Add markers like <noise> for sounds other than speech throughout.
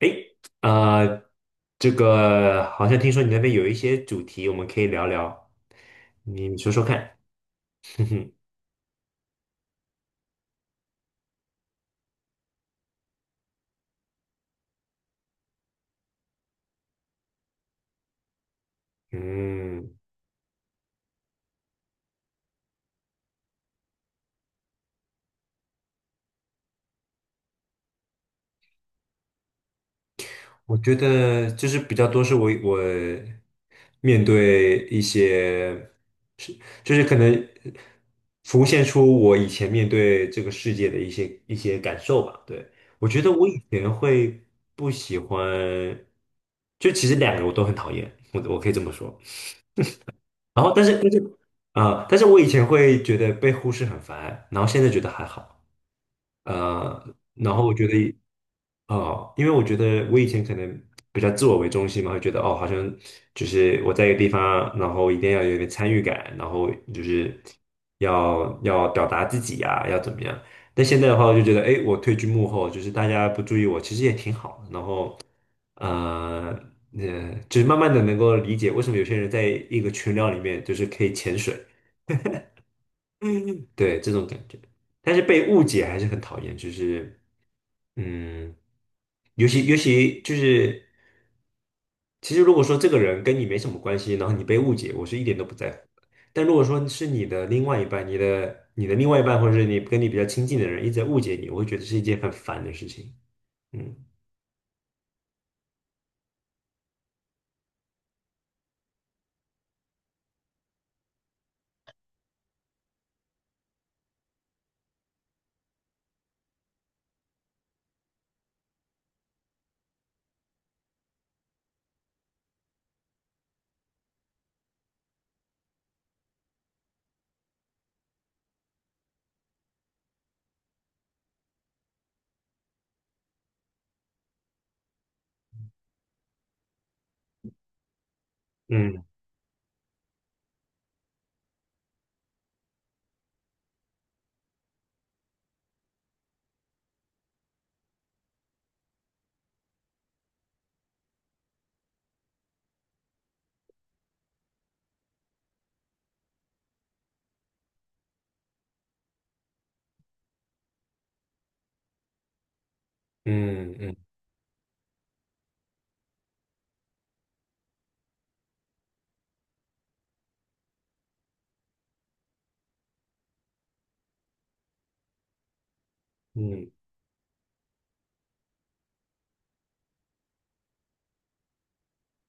诶，呃，这个好像听说你那边有一些主题，我们可以聊聊，你说说看。<laughs> 哼哼，嗯，我觉得就是比较多是我面对一些是就是可能浮现出我以前面对这个世界的一些感受吧。对，我觉得我以前会不喜欢，就其实两个我都很讨厌，我可以这么说。然后但是我以前会觉得被忽视很烦，然后现在觉得还好，然后我觉得。哦，因为我觉得我以前可能比较自我为中心嘛，会觉得哦，好像就是我在一个地方，然后一定要有一点参与感，然后就是要表达自己呀、要怎么样。但现在的话，我就觉得，哎，我退居幕后，就是大家不注意我，其实也挺好的然后，呃，就是慢慢的能够理解为什么有些人在一个群聊里面就是可以潜水，嗯，对，这种感觉。但是被误解还是很讨厌，就是。嗯，尤其就是，其实如果说这个人跟你没什么关系，然后你被误解，我是一点都不在乎的。但如果说是你的另外一半，你的另外一半，或者是你跟你比较亲近的人一直在误解你，我会觉得是一件很烦的事情。嗯嗯嗯嗯嗯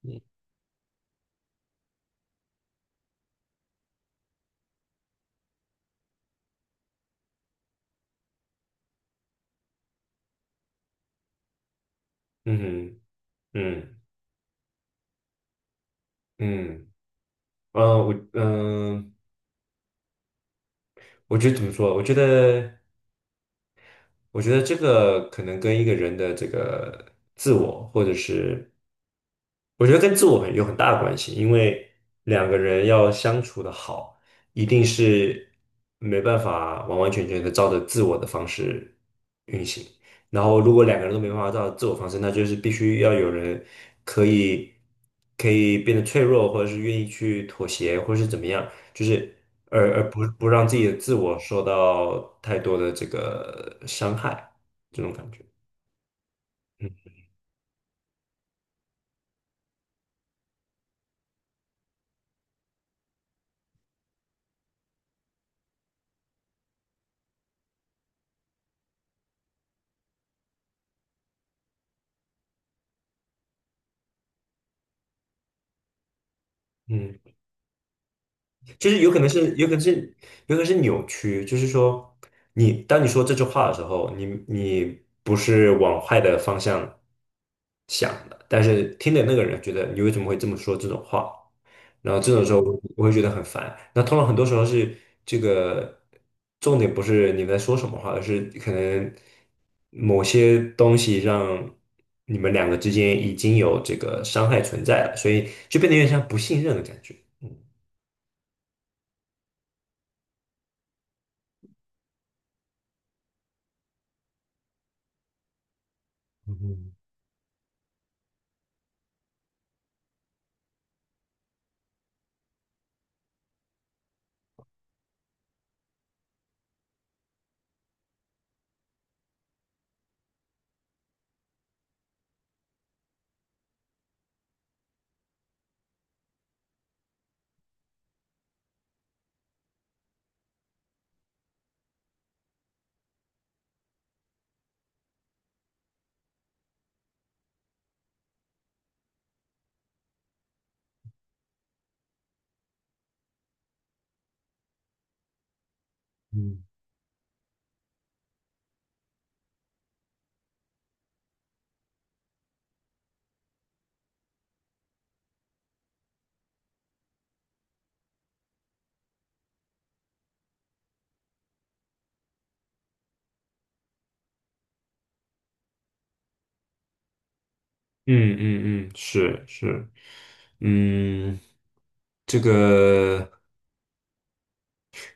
嗯嗯嗯嗯，呃，我嗯、我觉得怎么说？我觉得。我觉得这个可能跟一个人的这个自我，或者是我觉得跟自我很有很大的关系，因为两个人要相处的好，一定是没办法完完全全的照着自我的方式运行。然后，如果两个人都没办法照着自我方式，那就是必须要有人可以可以变得脆弱，或者是愿意去妥协，或者是怎么样，就是。而不让自己的自我受到太多的这个伤害，这种感觉。嗯嗯，就是有可能是扭曲。就是说，你当你说这句话的时候，你不是往坏的方向想的，但是听的那个人觉得你为什么会这么说这种话？然后这种时候我会觉得很烦。那通常很多时候是这个重点不是你们在说什么话，而是可能某些东西让你们两个之间已经有这个伤害存在了，所以就变得有点像不信任的感觉。嗯嗯嗯，嗯嗯，嗯，是是，嗯，这个。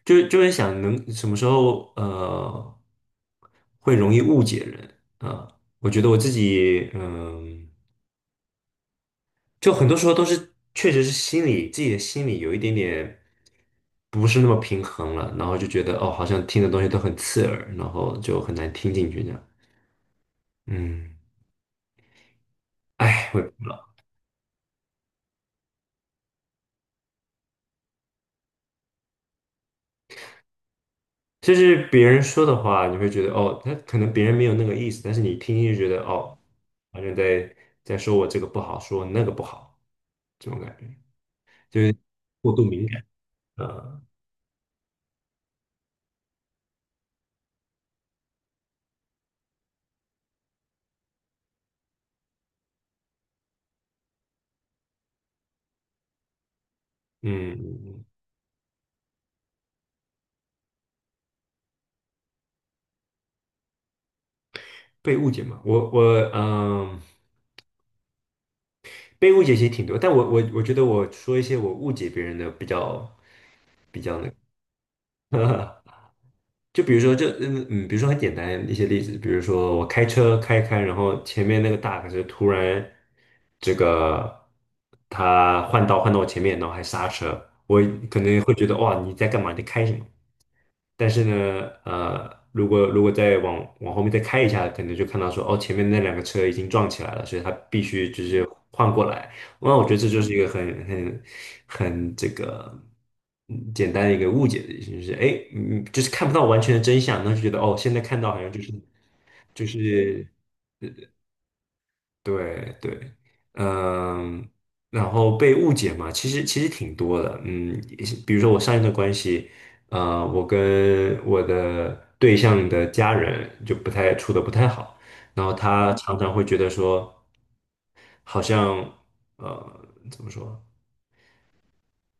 就会想能什么时候会容易误解人啊，我觉得我自己就很多时候都是确实是心里自己的心里有一点点不是那么平衡了，然后就觉得哦好像听的东西都很刺耳，然后就很难听进去这样，嗯，哎，我也不知道，就是别人说的话，你会觉得哦，他可能别人没有那个意思，但是你听就觉得哦，好像在说我这个不好，说我那个不好，这种感觉。就是过度敏感啊，嗯，嗯被误解嘛，我我嗯，被误解其实挺多，但我觉得我说一些我误解别人的比较那个，<laughs> 就比如说这嗯嗯，比如说很简单一些例子，比如说我开车开开，然后前面那个大卡车突然这个他换道换到我前面，然后还刹车，我可能会觉得哇你在干嘛？你在开什么？但是呢，如果再往后面再开一下，可能就看到说，哦，前面那两个车已经撞起来了，所以他必须就是换过来。那我觉得这就是一个很简单的一个误解的，就是哎，就是看不到完全的真相，那就觉得哦，现在看到好像就是对对，嗯，然后被误解嘛，其实挺多的，嗯，也是比如说我上一段关系，呃，我跟我的对象的家人就不太处的不太好，然后他常常会觉得说，好像怎么说？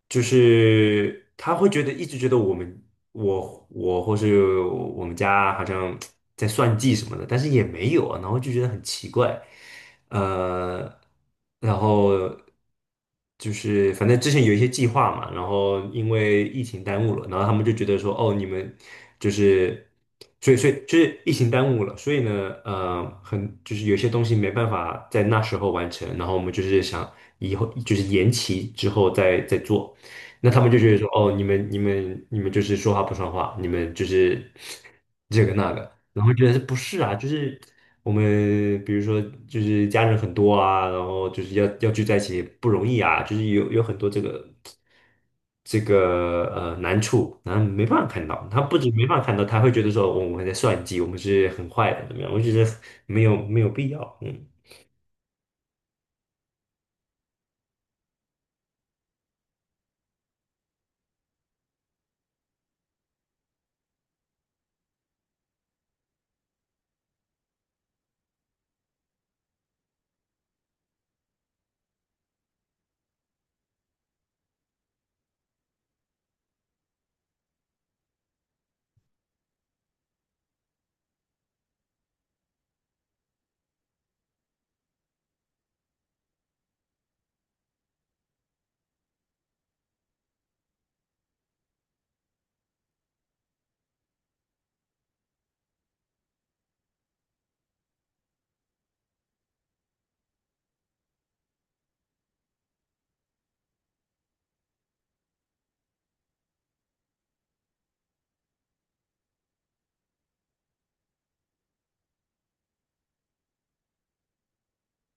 就是他会觉得一直觉得我们我或是我们家好像在算计什么的，但是也没有啊，然后就觉得很奇怪，呃，然后就是反正之前有一些计划嘛，然后因为疫情耽误了，然后他们就觉得说哦你们就是所以就是疫情耽误了，所以呢很就是有些东西没办法在那时候完成，然后我们就是想以后就是延期之后再做。那他们就觉得说，哦，你们就是说话不算话，你们就是 <laughs> 这个那个，然后觉得是不是啊？就是我们比如说就是家人很多啊，然后就是要聚在一起不容易啊，就是有很多这个难处，然后没办法看到，他不仅没办法看到，他会觉得说哦我们在算计，我们是很坏的，怎么样？我觉得没有没有必要，嗯。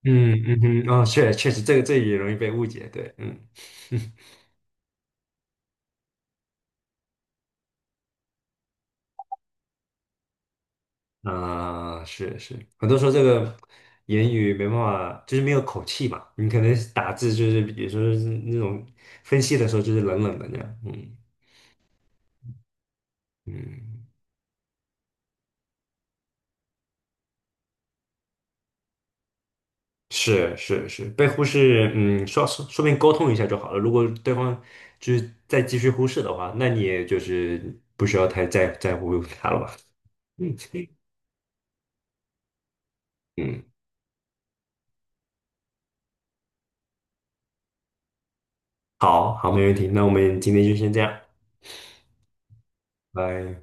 嗯嗯哼，哦，确实，这也容易被误解，对，嗯 <laughs> 啊、是是，很多时候这个言语没办法，就是没有口气嘛。你可能打字就是，比如说那种分析的时候就是冷冷的那样。嗯嗯，是是是，被忽视，嗯，说明沟通一下就好了。如果对方就是再继续忽视的话，那你也就是不需要太在乎他了吧？<laughs> 嗯嗯，好好，没问题。那我们今天就先这样，拜。